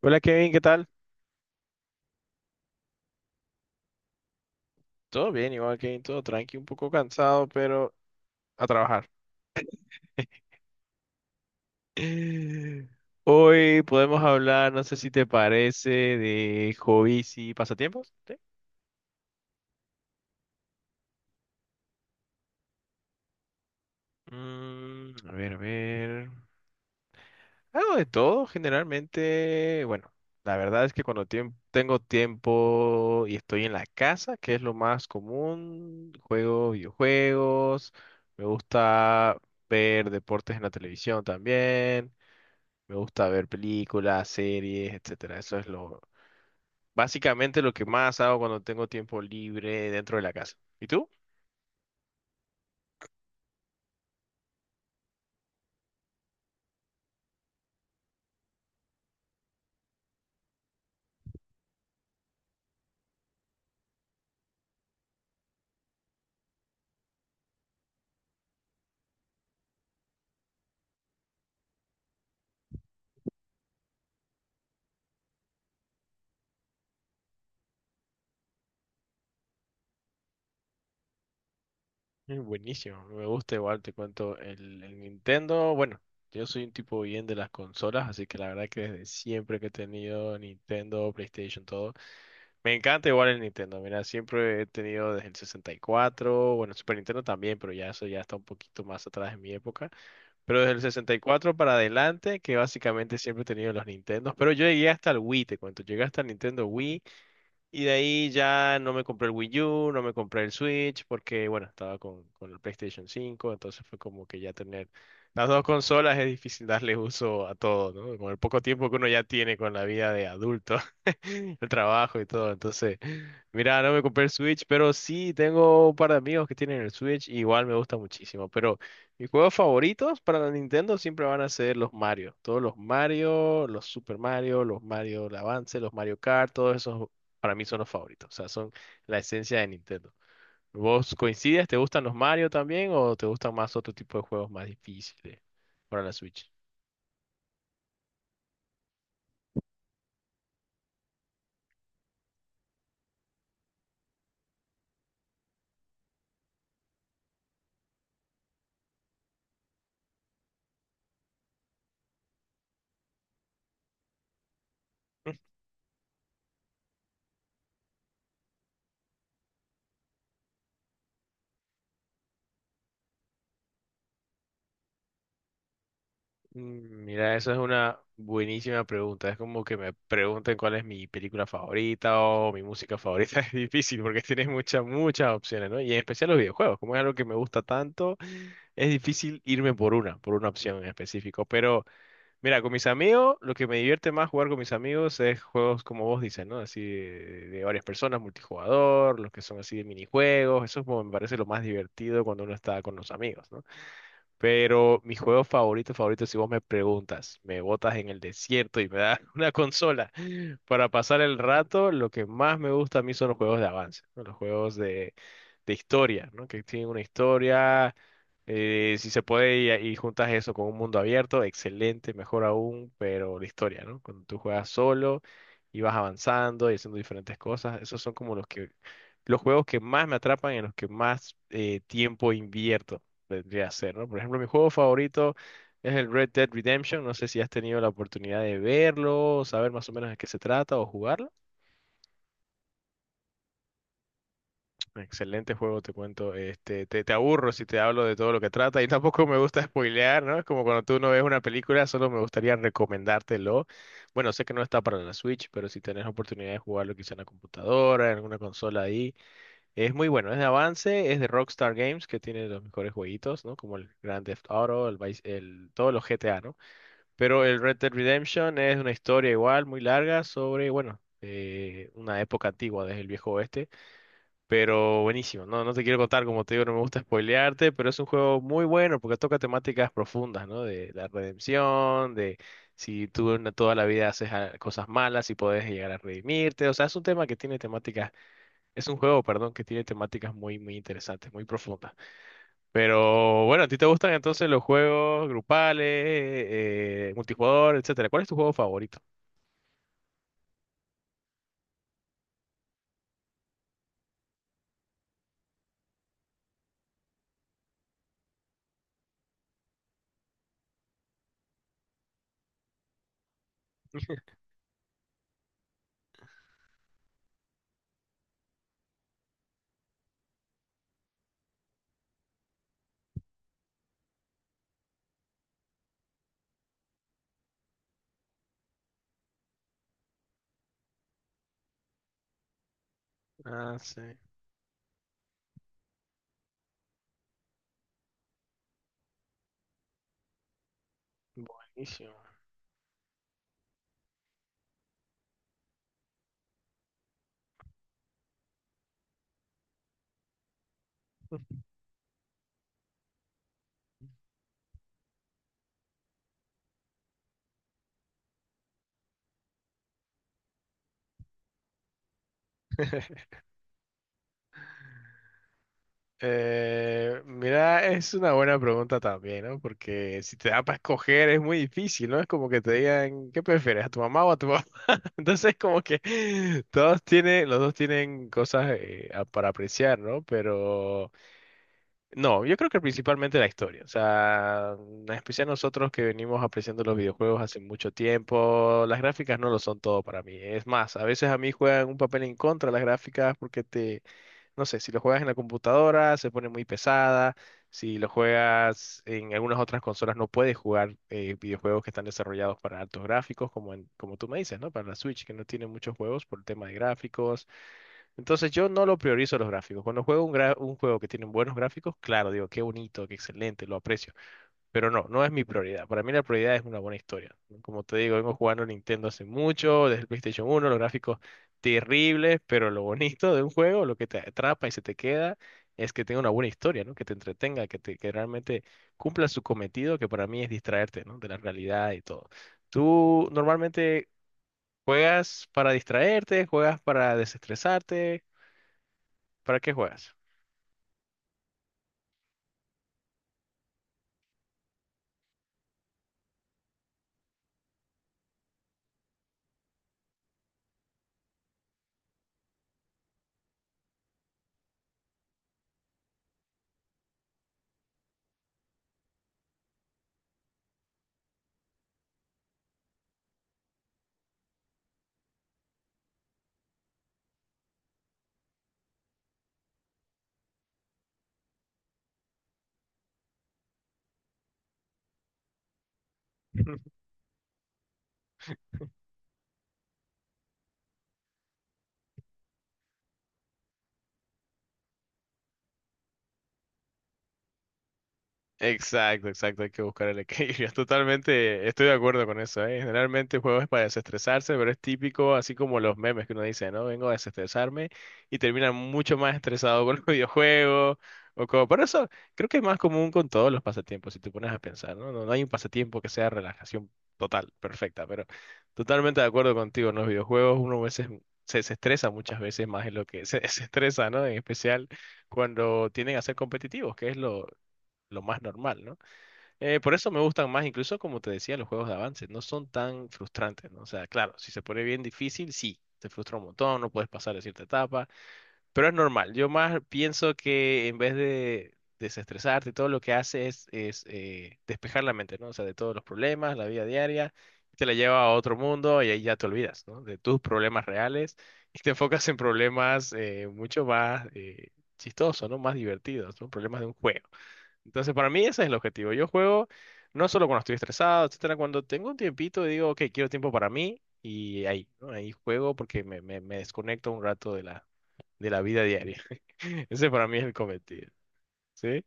Hola Kevin, ¿qué tal? Todo bien, igual Kevin, todo tranqui, un poco cansado, pero a trabajar. Hoy podemos hablar, no sé si te parece, de hobbies y pasatiempos. ¿Sí? A ver, a ver. Algo de todo, generalmente. Bueno, la verdad es que cuando tengo tiempo y estoy en la casa, que es lo más común, juego videojuegos, me gusta ver deportes en la televisión también. Me gusta ver películas, series, etcétera. Eso es lo, básicamente lo que más hago cuando tengo tiempo libre dentro de la casa. ¿Y tú? Buenísimo, me gusta igual, te cuento el Nintendo. Bueno, yo soy un tipo bien de las consolas, así que la verdad que desde siempre que he tenido Nintendo, PlayStation, todo, me encanta igual el Nintendo. Mira, siempre he tenido desde el 64, bueno, Super Nintendo también, pero ya eso ya está un poquito más atrás en mi época. Pero desde el 64 para adelante, que básicamente siempre he tenido los Nintendos. Pero yo llegué hasta el Wii, te cuento. Llegué hasta el Nintendo Wii, y de ahí ya no me compré el Wii U, no me compré el Switch, porque bueno, estaba con el PlayStation 5, entonces fue como que ya tener las dos consolas es difícil darle uso a todo, ¿no? Con el poco tiempo que uno ya tiene con la vida de adulto, el trabajo y todo. Entonces, mira, no me compré el Switch, pero sí tengo un par de amigos que tienen el Switch, y igual me gusta muchísimo. Pero mis juegos favoritos para la Nintendo siempre van a ser los Mario. Todos los Mario, los Super Mario, los Mario Advance, los Mario Kart, todos esos para mí son los favoritos, o sea, son la esencia de Nintendo. ¿Vos coincides? ¿Te gustan los Mario también o te gustan más otro tipo de juegos más difíciles para la Switch? Mira, eso es una buenísima pregunta. Es como que me pregunten cuál es mi película favorita o mi música favorita. Es difícil porque tienes muchas, muchas opciones, ¿no? Y en especial los videojuegos. Como es algo que me gusta tanto, es difícil irme por una opción en específico. Pero mira, con mis amigos, lo que me divierte más jugar con mis amigos es juegos como vos dices, ¿no? Así de varias personas, multijugador, los que son así de minijuegos. Eso es como me parece lo más divertido cuando uno está con los amigos, ¿no? Pero mi juego favorito, favorito, si vos me preguntas, me botas en el desierto y me das una consola, para pasar el rato, lo que más me gusta a mí son los juegos de avance, ¿no? Los juegos de historia, ¿no? Que tienen una historia, si se puede, y juntas eso con un mundo abierto, excelente, mejor aún, pero la historia, ¿no? Cuando tú juegas solo y vas avanzando y haciendo diferentes cosas, esos son como los que, los juegos que más me atrapan y en los que más tiempo invierto, vendría a ser, ¿no? Por ejemplo, mi juego favorito es el Red Dead Redemption. No sé si has tenido la oportunidad de verlo, saber más o menos de qué se trata o jugarlo. Excelente juego, te cuento. Este, te aburro si te hablo de todo lo que trata y tampoco me gusta spoilear, ¿no? Es como cuando tú no ves una película, solo me gustaría recomendártelo. Bueno, sé que no está para la Switch, pero si tenés oportunidad de jugarlo quizá en la computadora, en alguna consola ahí, es muy bueno. Es de avance, es de Rockstar Games, que tiene los mejores jueguitos, ¿no? Como el Grand Theft Auto, todos los GTA, ¿no? Pero el Red Dead Redemption es una historia igual, muy larga, sobre, bueno, una época antigua desde el viejo oeste, pero buenísimo. No, no te quiero contar, como te digo, no me gusta spoilearte, pero es un juego muy bueno porque toca temáticas profundas, ¿no? De la redempción, de si tú en toda la vida haces cosas malas y puedes llegar a redimirte. O sea, es un tema que tiene temáticas, es un juego, perdón, que tiene temáticas muy, muy interesantes, muy profundas. Pero bueno, ¿a ti te gustan entonces los juegos grupales, multijugador, etcétera? ¿Cuál es tu juego favorito? Ah, sí. Buenísimo. Mira, es una buena pregunta también, ¿no? Porque si te da para escoger es muy difícil, ¿no? Es como que te digan, ¿qué prefieres, a tu mamá o a tu papá? Entonces, como que todos tienen, los dos tienen cosas para apreciar, ¿no? Pero no, yo creo que principalmente la historia. O sea, en especial nosotros que venimos apreciando los videojuegos hace mucho tiempo, las gráficas no lo son todo para mí. Es más, a veces a mí juegan un papel en contra las gráficas porque te no sé, si lo juegas en la computadora se pone muy pesada, si lo juegas en algunas otras consolas no puedes jugar videojuegos que están desarrollados para altos gráficos, como tú me dices, ¿no? Para la Switch, que no tiene muchos juegos por el tema de gráficos. Entonces yo no lo priorizo los gráficos. Cuando juego un juego que tiene buenos gráficos, claro, digo, qué bonito, qué excelente, lo aprecio. Pero no, no es mi prioridad. Para mí la prioridad es una buena historia. Como te digo, vengo jugando Nintendo hace mucho, desde el PlayStation uno los gráficos terribles, pero lo bonito de un juego, lo que te atrapa y se te queda, es que tenga una buena historia, ¿no? Que te entretenga, que realmente cumpla su cometido, que para mí es distraerte, ¿no? De la realidad y todo. ¿Tú normalmente juegas para distraerte, juegas para desestresarte? ¿Para qué juegas? Exacto, exacto, hay que buscar el equilibrio. Totalmente estoy de acuerdo con eso, ¿eh? Generalmente el juego es para desestresarse, pero es típico, así como los memes que uno dice, ¿no? Vengo a desestresarme y terminan mucho más estresado con los videojuegos o como... Por eso creo que es más común con todos los pasatiempos, si te pones a pensar, ¿no? No, no hay un pasatiempo que sea relajación total, perfecta, pero totalmente de acuerdo contigo, en los videojuegos uno a veces se desestresa muchas veces más en lo que se desestresa, ¿no? En especial cuando tienden a ser competitivos, que es lo, lo más normal, ¿no? Por eso me gustan más, incluso como te decía, los juegos de avance, no son tan frustrantes, ¿no? O sea, claro, si se pone bien difícil, sí, te frustra un montón, no puedes pasar de cierta etapa, pero es normal. Yo más pienso que en vez de desestresarte, todo lo que hace es despejar la mente, ¿no? O sea, de todos los problemas, la vida diaria, te la lleva a otro mundo y ahí ya te olvidas, ¿no? De tus problemas reales y te enfocas en problemas mucho más chistosos, ¿no? Más divertidos, ¿no? Problemas de un juego. Entonces, para mí ese es el objetivo. Yo juego no solo cuando estoy estresado, etcétera, cuando tengo un tiempito y digo, ok, quiero tiempo para mí y ahí, ¿no? Ahí juego porque me desconecto un rato de de la vida diaria. Ese para mí es el cometido, ¿sí?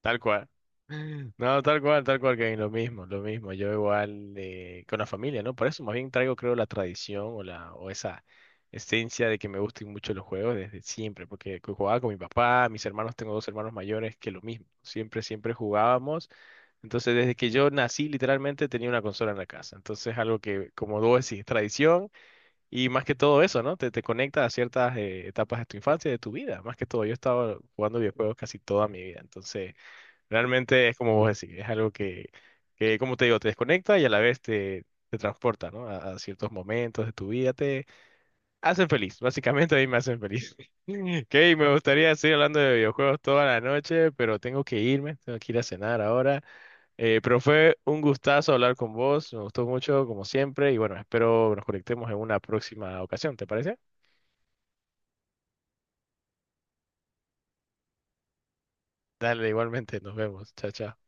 Tal cual. No, tal cual, Kevin, lo mismo, lo mismo. Yo igual con la familia, ¿no? Por eso más bien traigo, creo, la tradición o la o esa esencia de que me gusten mucho los juegos desde siempre, porque jugaba con mi papá, mis hermanos, tengo dos hermanos mayores que lo mismo. Siempre, siempre jugábamos. Entonces, desde que yo nací, literalmente tenía una consola en la casa. Entonces, algo que, como vos decís, es tradición y más que todo eso, ¿no? Te conecta a ciertas etapas de tu infancia, de tu vida. Más que todo, yo he estado jugando videojuegos casi toda mi vida. Entonces... Realmente es como vos decís, es algo que, como te digo, te desconecta y a la vez te transporta, ¿no? A ciertos momentos de tu vida, te hacen feliz, básicamente a mí me hacen feliz. Ok, me gustaría seguir hablando de videojuegos toda la noche, pero tengo que irme, tengo que ir a cenar ahora. Pero fue un gustazo hablar con vos, me gustó mucho, como siempre, y bueno, espero nos conectemos en una próxima ocasión, ¿te parece? Dale, igualmente, nos vemos, chao, chao.